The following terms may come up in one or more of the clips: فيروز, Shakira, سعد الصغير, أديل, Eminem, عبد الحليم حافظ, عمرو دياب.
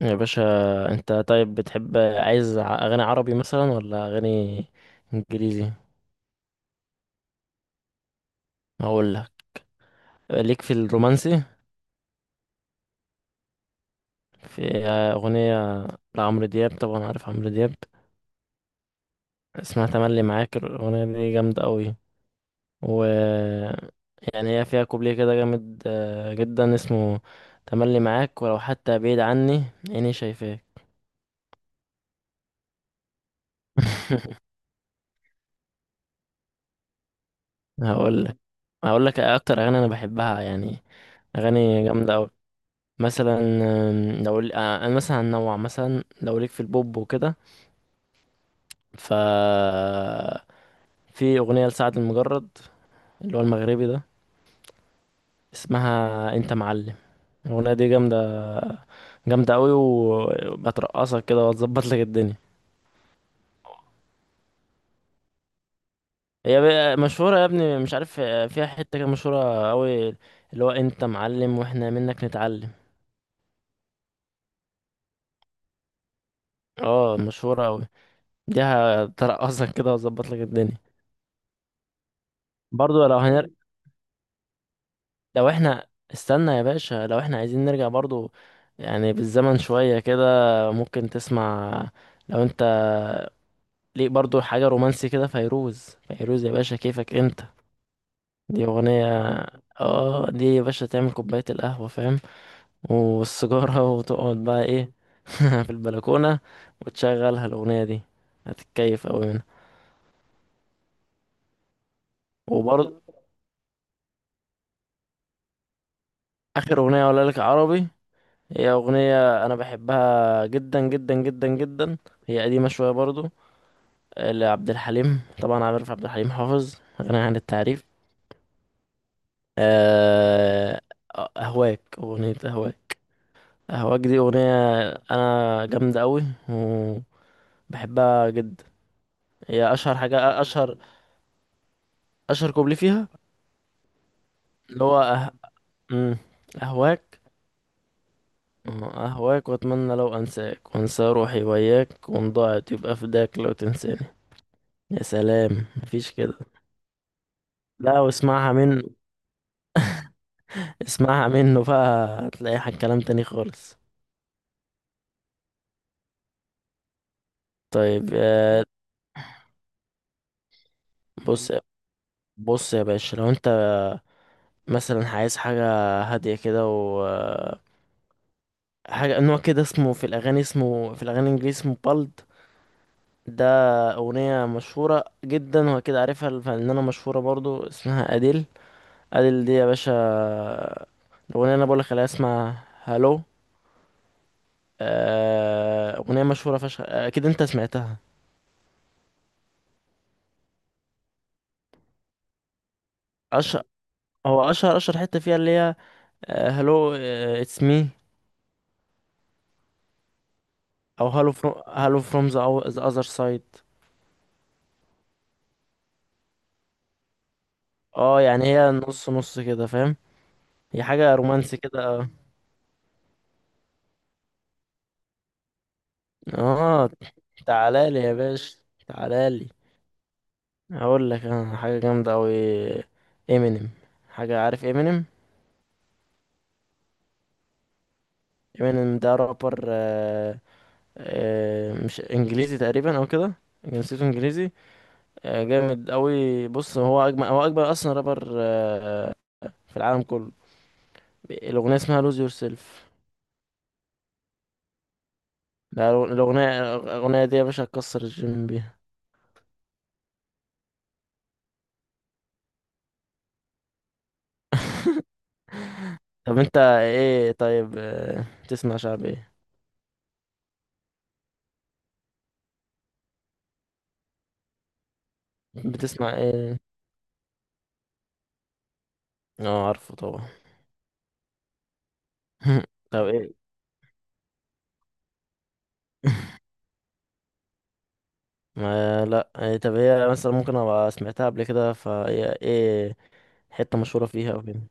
يا باشا، انت طيب بتحب عايز اغاني عربي مثلا ولا اغاني انجليزي؟ هقول لك، ليك في الرومانسي في اغنيه لعمرو دياب، طبعا عارف عمرو دياب. اسمها تملي معاك، الاغنيه دي جامده قوي، و يعني هي فيها كوبليه كده جامد جدا، اسمه تملي معاك ولو حتى بعيد عني عيني شايفاك. هقول لك هقول لك اكتر اغاني انا بحبها يعني، اغاني جامده. مثلا آم، لو ال- آه، انا مثلا هنوع، مثلا لو ليك في البوب وكده، ف في اغنيه لسعد المجرد اللي هو المغربي ده، اسمها انت معلم. الاغنيه دي جامده، جامده قوي، وبترقصك كده وتظبط لك الدنيا. هي بقى مشهوره يا ابني، مش عارف، فيها حته كده مشهوره قوي، اللي هو انت معلم واحنا منك نتعلم. اه مشهوره قوي، دي هترقصك كده وتظبط لك الدنيا. برضو لو هنرجع، لو احنا استنى يا باشا، لو احنا عايزين نرجع برضو يعني بالزمن شوية كده، ممكن تسمع، لو انت ليك برضو حاجة رومانسي كده، فيروز. فيروز يا باشا، كيفك انت! دي اغنية، اه دي يا باشا تعمل كوباية القهوة، فاهم، والسيجارة، وتقعد بقى ايه، في البلكونة، وتشغلها الاغنية دي، هتتكيف اوي منها. وبرضو اخر اغنية اقولها لك عربي، هي اغنية انا بحبها جدا جدا جدا جدا. هي قديمة شوية برضو، لعبد الحليم، طبعا عارف عبد الحليم حافظ، غني عن التعريف. آه، أهواك، أغنية أهواك. أهواك دي أغنية أنا جامدة أوي وبحبها جدا. هي أشهر حاجة، أشهر كوبلي فيها، اللي هو أه... مم، أهواك. أهواك وأتمنى لو أنساك وأنسى روحي وياك، وإن ضاعت يبقى فداك لو تنساني. يا سلام، مفيش كده. لا، واسمعها من، اسمعها منه بقى، هتلاقي كلام تاني خالص. طيب بص، بص يا باشا، لو انت مثلا عايز حاجة هادية كده، حاجة نوع كده اسمه في الأغاني، اسمه في الأغاني الإنجليزي اسمه بالد. ده أغنية مشهورة جدا وأكيد عارفها، الفنانة مشهورة برضو اسمها أديل. أديل دي يا باشا، الأغنية اللي أنا بقولك عليها اسمها هالو. أغنية مشهورة فشخ، أكيد أنت سمعتها. أشهر هو أشهر أشهر حتة فيها اللي هي هالو اتس مي، أو هالو فروم، هالو فروم ذا أذر سايد. اه يعني هي نص نص كده، فاهم، هي حاجة رومانسي كده، اه اه. تعالالي يا باشا، تعالالي، هقول لك انا حاجة جامدة اوي، امينيم. حاجة، عارف امينيم؟ امينيم ده رابر مش انجليزي تقريبا او كده، جنسيته انجليزي. آه جامد اوي، بص هو اجمل، هو اجمل اصلا رابر في العالم كله. الاغنية اسمها lose yourself، ده الاغنية دي يا باشا هتكسر الجيم بيها. طب انت ايه طيب تسمع شعب ايه، بتسمع ايه؟ اه عارفه طبعا. طب ايه؟ ما لا إيه، طب هي مثلا ممكن ابقى سمعتها قبل كده، فهي ايه ايه، حتة مشهورة فيها او كده؟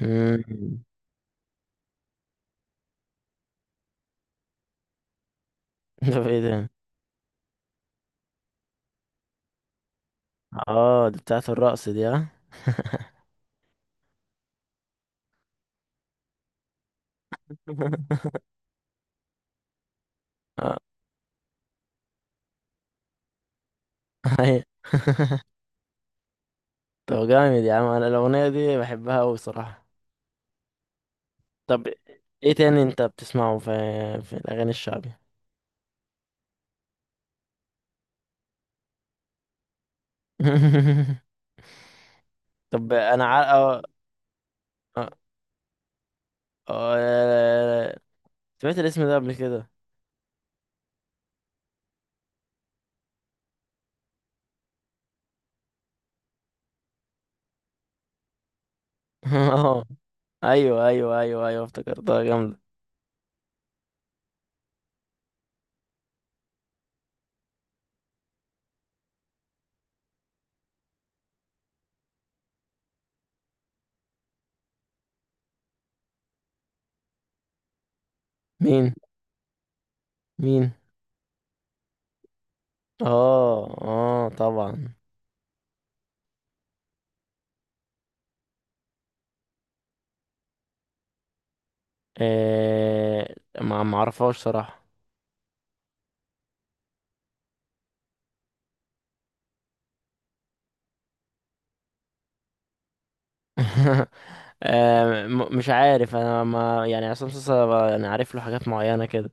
مم. طب ايه ده؟ اه دي بتاعة الرقص دي، ها. آه، هي. طب جامد يا عم، انا الاغنية دي بحبها اوي صراحة. طب ايه تاني انت بتسمعه في في الاغاني الشعبي؟ طب انا عارف، سمعت الاسم ده قبل كده. اه ايوه ايوه ايوه ايوه، افتكرتها جامدة. مين؟ مين؟ اه اه طبعا. آه ما ما اعرفهاش صراحة. مش عارف انا، ما يعني عصام صاصا يعني عارف له حاجات معينة كده.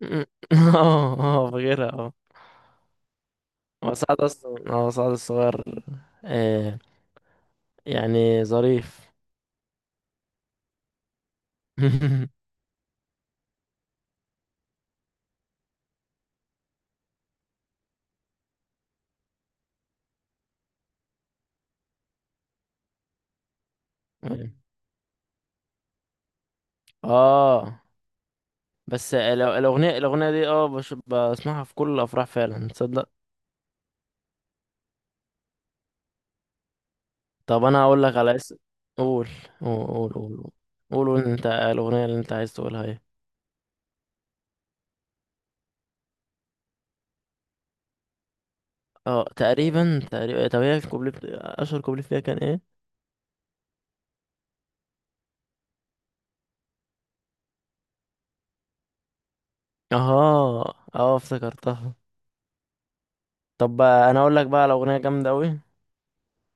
اه اه فاكرها، اه. هو سعد اصلا، اه سعد الصغير، آه يعني ظريف. اه بس الاغنية دي اه بسمعها في كل الافراح فعلا، تصدق؟ طب انا هقول لك على اسم. قول قول قول، قول قول قول، انت الاغنيه اللي انت عايز تقولها ايه؟ اه تقريبا تقريبا، طب هي الكوبليه اشهر كوبليه فيها كان ايه؟ اه اه افتكرتها. طب بقى انا اقول لك بقى على اغنيه جامده قوي،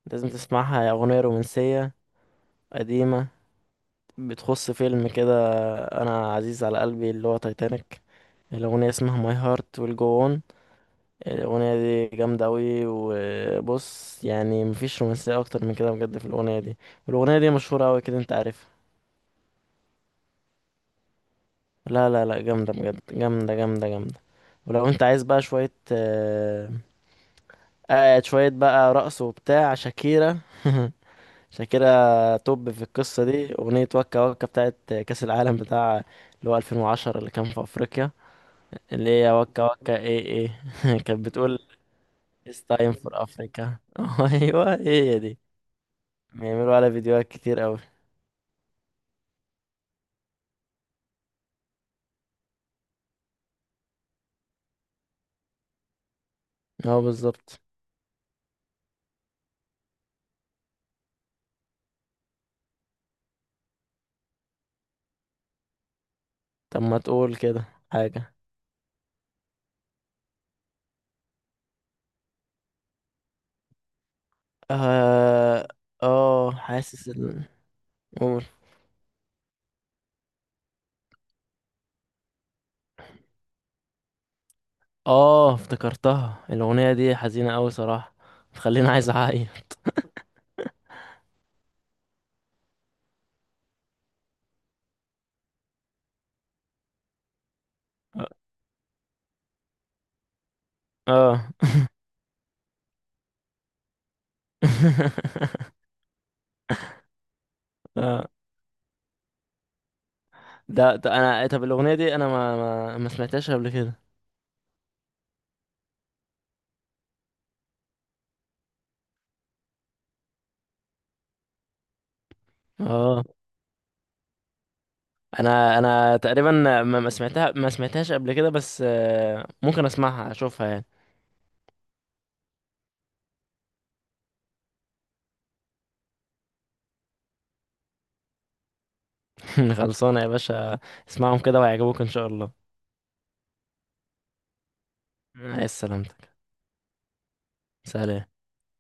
لازم تسمعها، هي اغنيه رومانسيه قديمه، بتخص فيلم كده انا عزيز على قلبي اللي هو تايتانيك. الاغنيه اسمها ماي هارت ويل جو اون. الأغنية دي جامدة أوي، وبص يعني مفيش رومانسية أكتر من كده بجد في الأغنية دي. والأغنية دي مشهورة أوي كده، أنت عارفها. لا لا لا، جامدة بجد، جامدة جامدة جامدة. ولو أنت عايز بقى شوية شوية بقى رقص وبتاع، شاكيرا. شاكيرا توب في القصة دي، أغنية وكا وكا بتاعت كأس العالم، بتاع اللي هو 2010 اللي كان في أفريقيا، اللي هي وكا وكا إيه إيه. كانت بتقول It's time for Africa. أيوه هي دي، بيعملوا على فيديوهات كتير أوي. اه بالظبط. طب ما تقول كده حاجة. اه اه حاسس قول. اه افتكرتها، الأغنية دي حزينة أوي صراحة، بتخليني عايز أعيط. اه. اه، ده انا طب الاغنيه دي انا ما سمعتهاش قبل كده. اه انا انا تقريبا ما سمعتهاش قبل كده، بس ممكن اسمعها اشوفها يعني. خلصانه يا باشا، اسمعهم كده وهيعجبوك ان شاء الله. عايز؟ سلامتك. سلام.